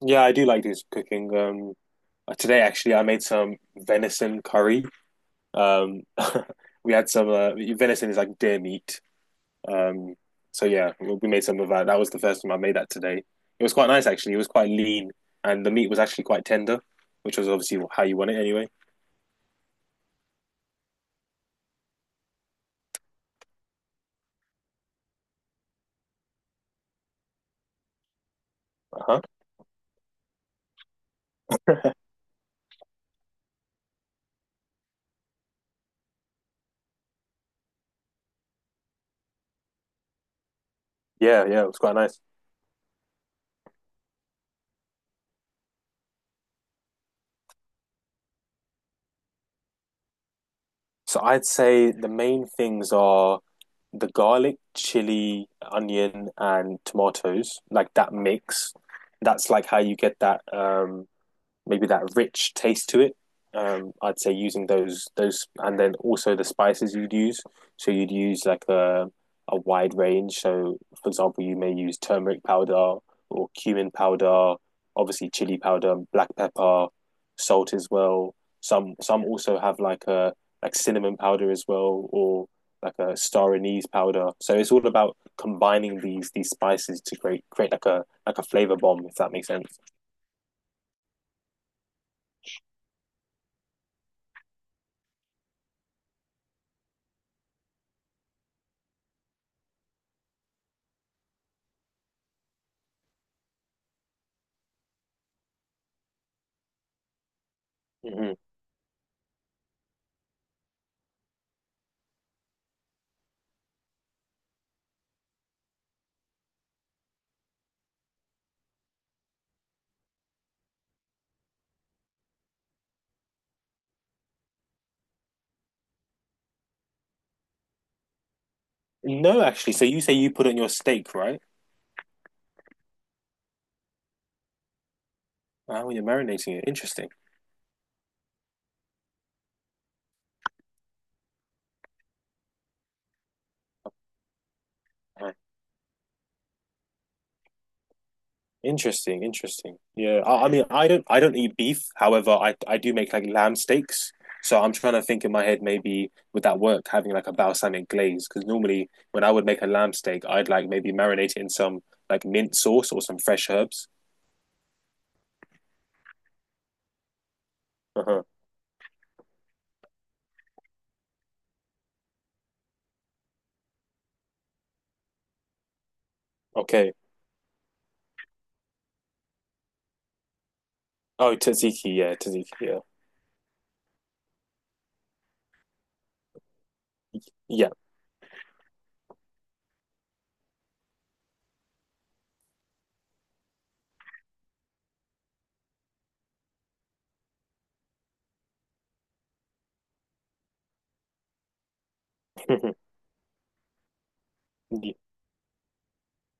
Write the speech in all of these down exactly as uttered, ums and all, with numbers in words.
Yeah, I do like this cooking. Um, uh, today actually, I made some venison curry. Um, we had some uh, venison is like deer meat. Um, so yeah, we we made some of that. That was the first time I made that today. It was quite nice actually. It was quite lean, and the meat was actually quite tender, which was obviously how you want it anyway. Uh-huh. Yeah, yeah, it was quite nice. So I'd say the main things are the garlic, chili, onion, and tomatoes, like that mix. That's like how you get that. Um, maybe that rich taste to it. Um, I'd say using those those and then also the spices you'd use. So you'd use like a a wide range. So for example, you may use turmeric powder or cumin powder, obviously chili powder, black pepper, salt as well. Some some also have like a like cinnamon powder as well, or like a star anise powder. So it's all about combining these these spices to create create like a like a flavor bomb, if that makes sense. Mm-hmm. No, actually. So you say you put it on your steak, right? Ah, when you're marinating it. Interesting. Ah, interesting, interesting. Yeah. I, I mean, I don't I don't eat beef. However, I I do make like lamb steaks. So I'm trying to think in my head maybe would that work having like a balsamic glaze? Because normally when I would make a lamb steak, I'd like maybe marinate it in some like mint sauce or some fresh herbs. Uh-huh. Okay. Oh, tzatziki, yeah, tzatziki, yeah. Yeah.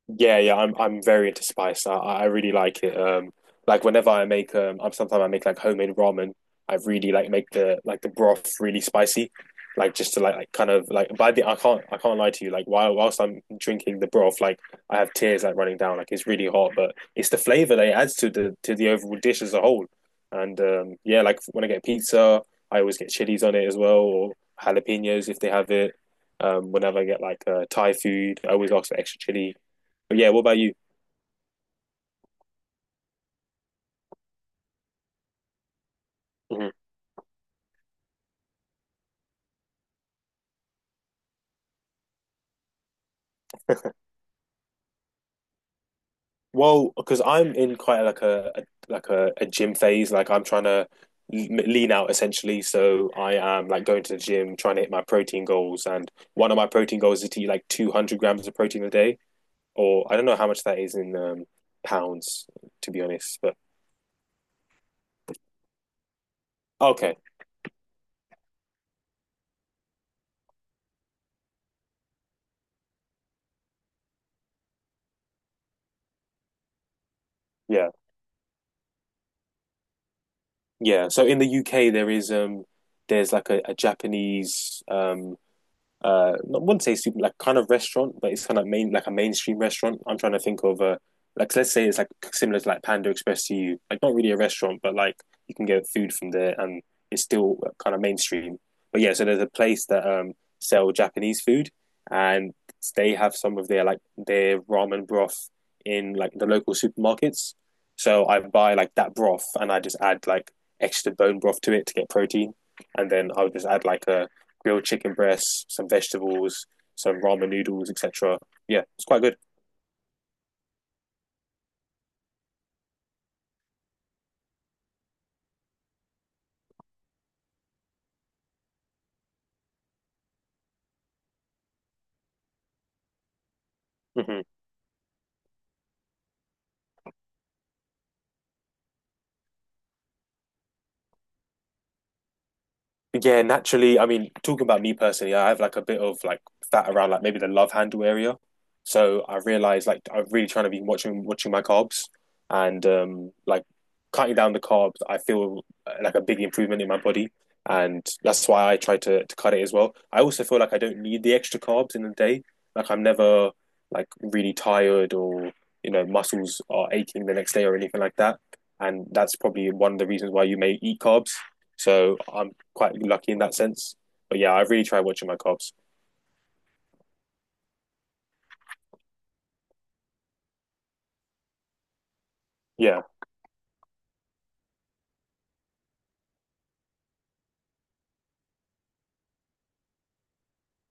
Yeah, yeah, I'm I'm very into spice. I I really like it. Um, like whenever I make um, I'm sometimes I make like homemade ramen. I really like make the like the broth really spicy, like just to like, like kind of like by the I can't I can't lie to you. Like while whilst I'm drinking the broth, like I have tears like running down. Like it's really hot, but it's the flavor that it adds to the to the overall dish as a whole. And um, yeah, like when I get pizza, I always get chilies on it as well or jalapenos if they have it. Um, whenever I get like uh, Thai food, I always ask for extra chili, yeah, what about you? Mhm. Well, because I'm in quite like a, a like a, a gym phase. Like I'm trying to l- lean out essentially. So I am like going to the gym, trying to hit my protein goals. And one of my protein goals is to eat like two hundred grams of protein a day, or I don't know how much that is in um, pounds, to be honest. But okay, yeah, yeah. So in the U K, there is um, there's like a, a Japanese um uh I wouldn't say super like kind of restaurant, but it's kind of main like a mainstream restaurant. I'm trying to think of a like let's say it's like similar to like Panda Express to you. Like not really a restaurant, but like you can get food from there and it's still kind of mainstream. But yeah, so there's a place that um sell Japanese food and they have some of their like their ramen broth in like the local supermarkets. So I buy like that broth and I just add like extra bone broth to it to get protein. And then I would just add like a grilled chicken breasts, some vegetables, some ramen noodles, et cetera. Yeah, it's quite good. Hmm Yeah, naturally. I mean, talking about me personally, I have like a bit of like fat around like maybe the love handle area. So I realized like I'm really trying to be watching watching my carbs and um like cutting down the carbs, I feel uh, like a big improvement in my body. And that's why I try to, to cut it as well. I also feel like I don't need the extra carbs in the day. Like I'm never like really tired or, you know, muscles are aching the next day or anything like that. And that's probably one of the reasons why you may eat carbs. So I'm quite lucky in that sense. But yeah, I really try watching my carbs. Yeah,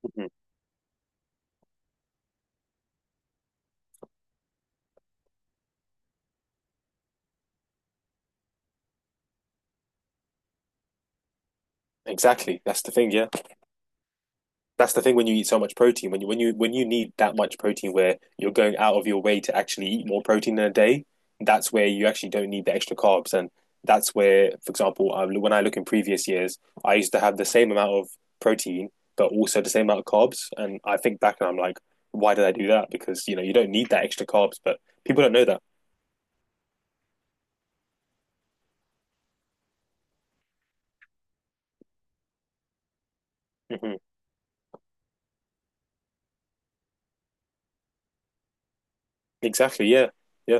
mhm. Exactly. That's the thing. Yeah, that's the thing. When you eat so much protein, when you when you when you need that much protein, where you're going out of your way to actually eat more protein in a day, that's where you actually don't need the extra carbs. And that's where, for example, um, when I look in previous years, I used to have the same amount of protein, but also the same amount of carbs. And I think back and I'm like, why did I do that? Because you know you don't need that extra carbs, but people don't know that. Hmm Exactly. Yeah. Yeah.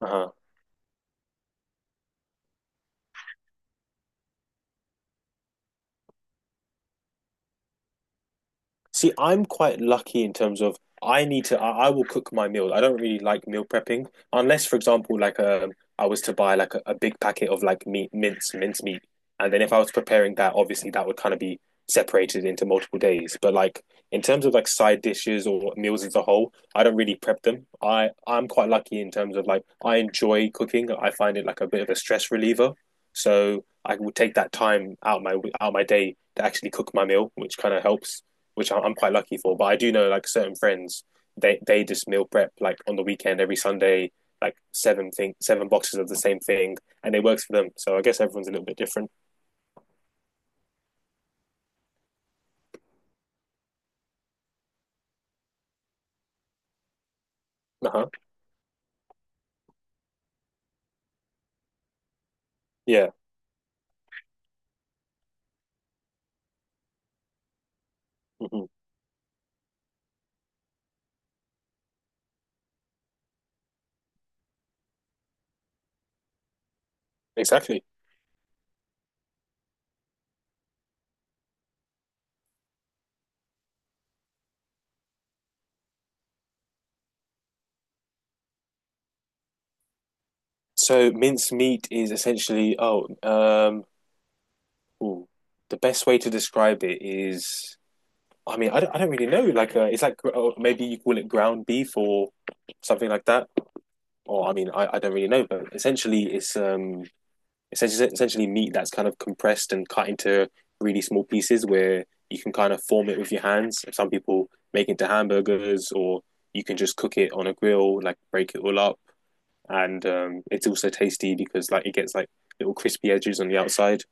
Uh-huh. See, I'm quite lucky in terms of I need to. I, I will cook my meals. I don't really like meal prepping unless, for example, like um, I was to buy like a, a big packet of like meat, mince, mince meat, and then if I was preparing that, obviously that would kind of be separated into multiple days. But like in terms of like side dishes or meals as a whole, I don't really prep them. I I'm quite lucky in terms of like I enjoy cooking. I find it like a bit of a stress reliever. So I will take that time out my out my day to actually cook my meal, which kind of helps which I- am quite lucky for. But I do know like certain friends, they they just meal prep like on the weekend every Sunday, like seven thing seven boxes of the same thing, and it works for them. So I guess everyone's a little bit different. Uh huh. Yeah. hmm Exactly. So minced meat is essentially oh um ooh, the best way to describe it is. I mean, I don't, I don't really know. Like, uh, it's like oh, maybe you call it ground beef or something like that. Or I mean, I, I don't really know, but essentially, it's um, essentially essentially meat that's kind of compressed and cut into really small pieces where you can kind of form it with your hands. Some people make it into hamburgers, or you can just cook it on a grill, like break it all up, and um, it's also tasty because like it gets like little crispy edges on the outside.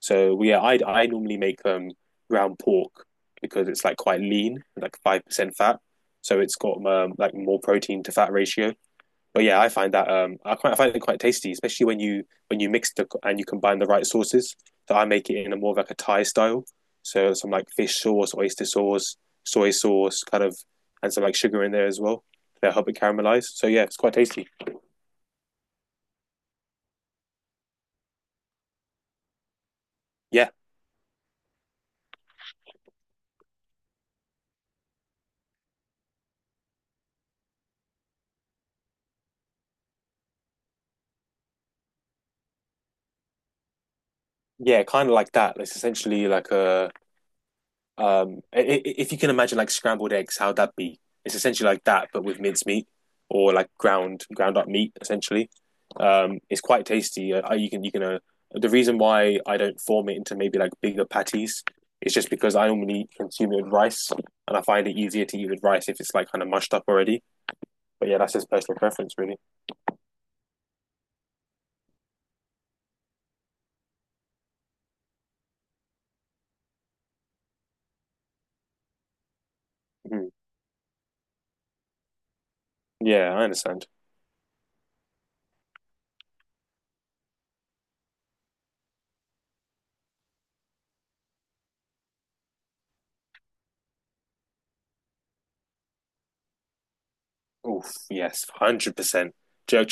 So yeah, I I normally make um ground pork because it's like quite lean, like five percent fat, so it's got um, like more protein to fat ratio. But yeah, I find that um, I quite I find it quite tasty, especially when you when you mix the and you combine the right sauces. So I make it in a more of like a Thai style, so some like fish sauce, oyster sauce, soy sauce, kind of, and some like sugar in there as well to help it caramelize. So yeah, it's quite tasty. Yeah, yeah, kind of like that. It's essentially like a Um, i- i- if you can imagine like scrambled eggs, how'd that be? It's essentially like that, but with mincemeat or like ground ground up meat, essentially. Um, it's quite tasty. Uh, you can you can uh, the reason why I don't form it into maybe like bigger patties is just because I normally consume it with rice, and I find it easier to eat with rice if it's like kind of mushed up already. But yeah, that's just personal preference, really. Mhm. Yeah, I understand. Oof, yes, one hundred percent.